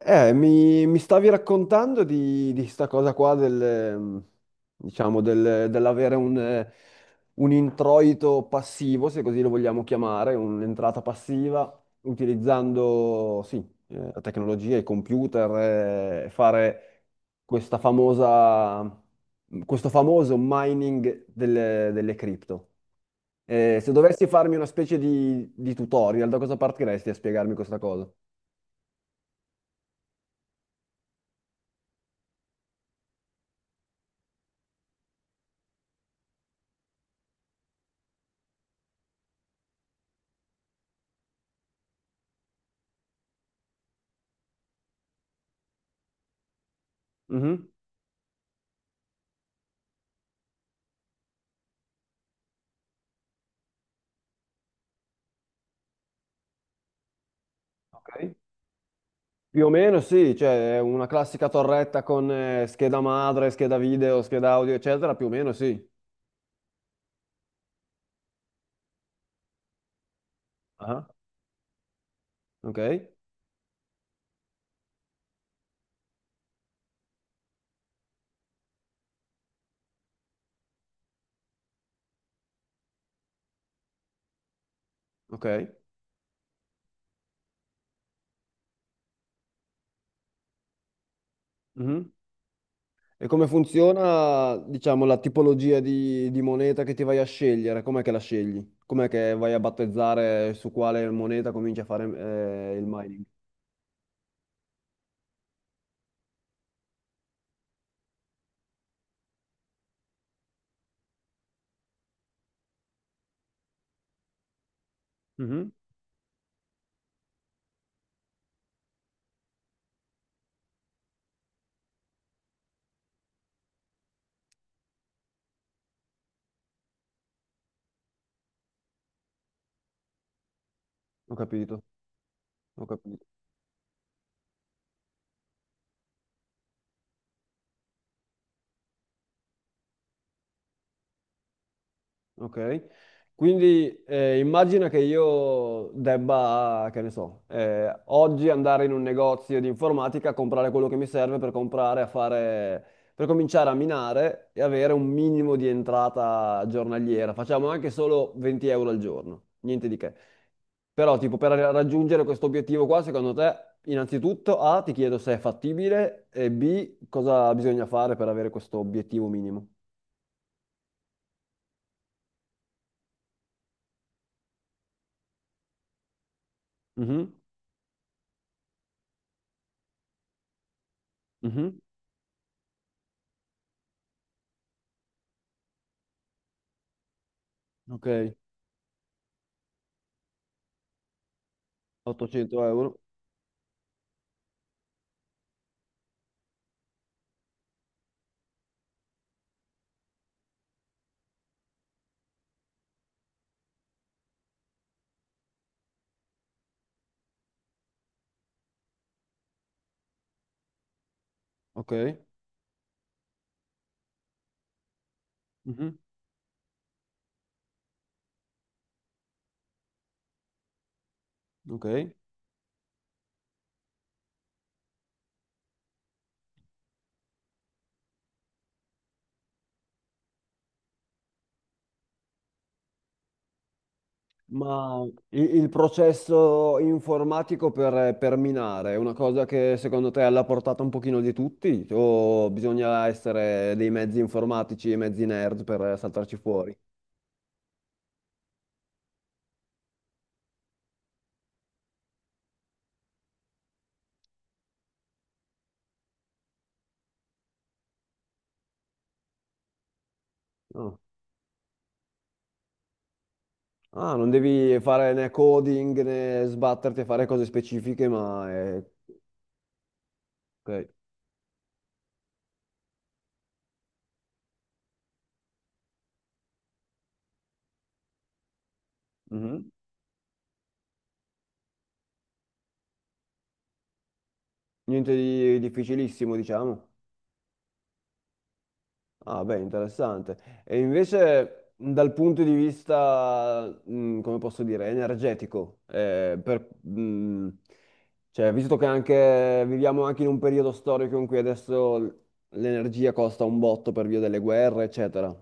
Mi stavi raccontando di sta cosa qua del, diciamo, dell'avere un introito passivo, se così lo vogliamo chiamare, un'entrata passiva, utilizzando, sì, la tecnologia, i computer, fare questa famosa, questo famoso mining delle cripto. Se dovessi farmi una specie di tutorial, da cosa partiresti a spiegarmi questa cosa? Mhm. Ok. Più o meno sì, cioè è una classica torretta con scheda madre, scheda video, scheda audio, eccetera, più o meno sì. Ah, ok, ok. Mhm. E come funziona, diciamo, la tipologia di moneta che ti vai a scegliere? Com'è che la scegli? Com'è che vai a battezzare su quale moneta cominci a fare il mining? Mhm. Ho capito, ho capito. Ok, quindi immagina che io debba, che ne so, oggi andare in un negozio di informatica a comprare quello che mi serve per comprare, a fare, per cominciare a minare e avere un minimo di entrata giornaliera. Facciamo anche solo 20 euro al giorno, niente di che. Però, tipo, raggiungere questo obiettivo qua, secondo te, innanzitutto, A, ti chiedo se è fattibile e B, cosa bisogna fare per avere questo obiettivo minimo. Mhm, mhm, ok. 800 euro, ok, mhm, ok. Ma il processo informatico per minare è una cosa che secondo te è alla portata un pochino di tutti? O bisogna essere dei mezzi informatici e mezzi nerd per saltarci fuori? No. Ah, non devi fare né coding né sbatterti a fare cose specifiche, ma è... Ok. Mhm. Niente di difficilissimo, diciamo. Ah, beh, interessante. E invece dal punto di vista, come posso dire, energetico, cioè, visto che anche, viviamo anche in un periodo storico in cui adesso l'energia costa un botto per via delle guerre, eccetera,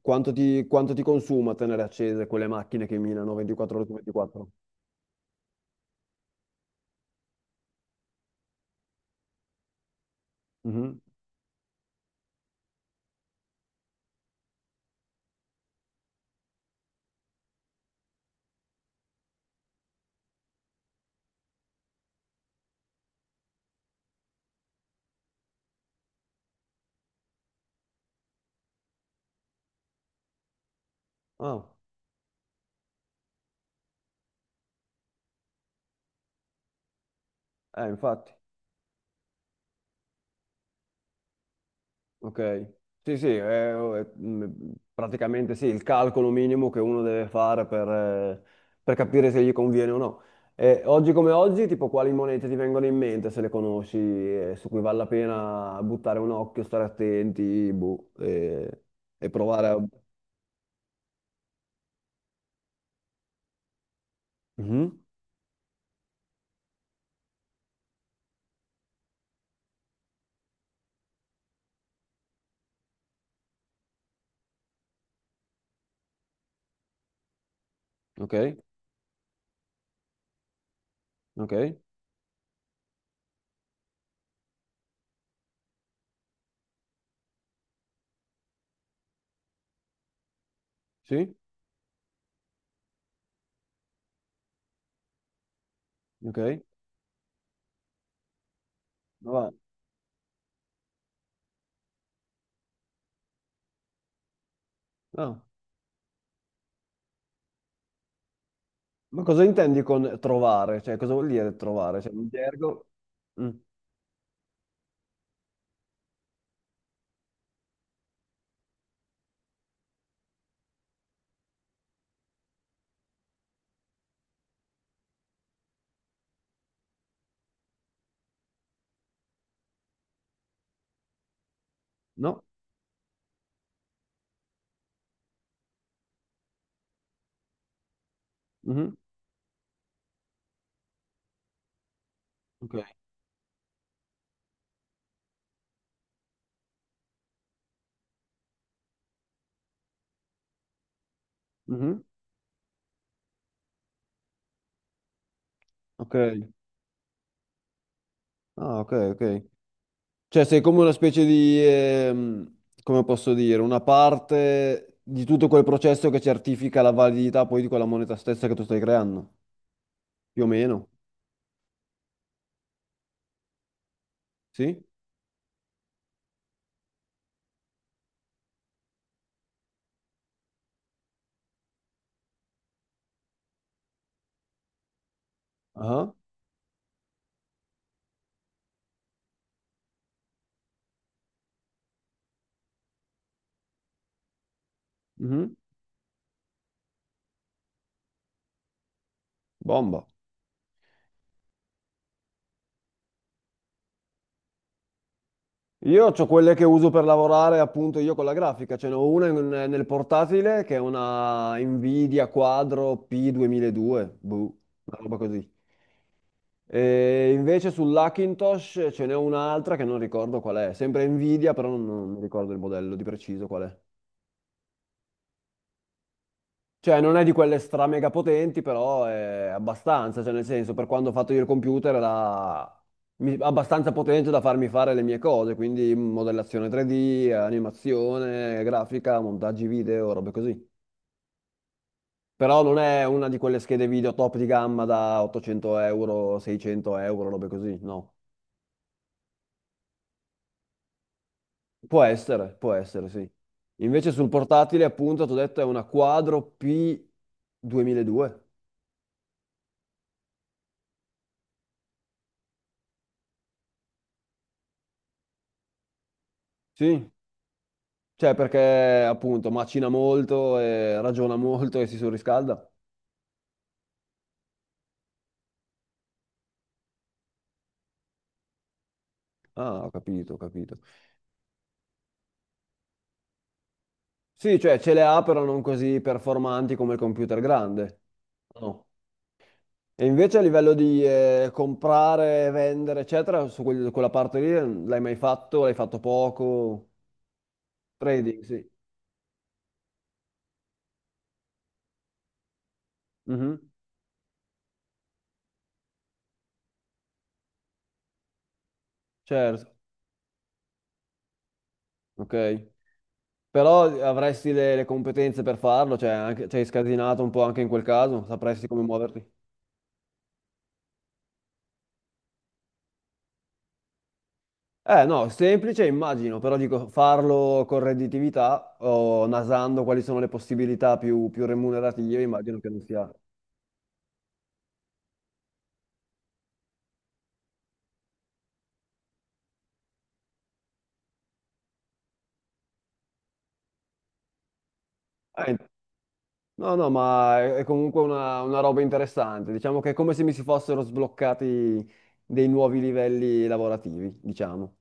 quanto ti consuma tenere accese quelle macchine che minano 24 ore su 24? Mhm. Ah, infatti. Ok, sì, sì, praticamente sì, il calcolo minimo che uno deve fare per capire se gli conviene o no. E oggi come oggi, tipo quali monete ti vengono in mente se le conosci, su cui vale la pena buttare un occhio, stare attenti, boh, e provare a... Mhm, ok, ok, sì, ok. Ma va- ah, Ma cosa intendi con trovare? Cioè, cosa vuol dire trovare? Cioè, un gergo? Mm. No? Mhm, ok. Mhm. Ok, ah, ok, ok. Cioè sei come una specie di, come posso dire, una parte di tutto quel processo che certifica la validità poi di quella moneta stessa che tu stai creando, più o meno, sì? Ah, mhm. Bomba. Io ho quelle che uso per lavorare appunto io con la grafica, ce n'ho una in- nel portatile che è una Nvidia Quadro P2002, boh, una roba così. E invece sull'Hackintosh ce n'è un'altra che non ricordo qual è, sempre Nvidia, però non mi ricordo il modello di preciso qual è. Cioè, non è di quelle stra mega potenti, però è abbastanza, cioè nel senso, per quando ho fatto io il computer era abbastanza potente da farmi fare le mie cose, quindi modellazione 3D, animazione, grafica, montaggi video, robe così. Però non è una di quelle schede video top di gamma da 800 euro, 600 euro, robe così, no. Può essere, sì. Invece sul portatile, appunto, ti ho detto è una Quadro P 2002. Sì, cioè perché appunto macina molto e ragiona molto e si surriscalda. Ah, ho capito, ho capito. Sì, cioè ce le ha però non così performanti come il computer grande. No. E invece a livello di comprare, vendere, eccetera, su quella parte lì l'hai mai fatto? L'hai fatto poco? Trading, sì. Mhm, certo. Ok. Però avresti le competenze per farlo, cioè anche, sei scasinato un po' anche in quel caso, sapresti come muoverti. Eh no, semplice immagino, però dico farlo con redditività o nasando quali sono le possibilità più remunerative, immagino che non sia... Eh, no, no, ma è comunque una roba interessante, diciamo che è come se mi si fossero sbloccati dei nuovi livelli lavorativi, diciamo.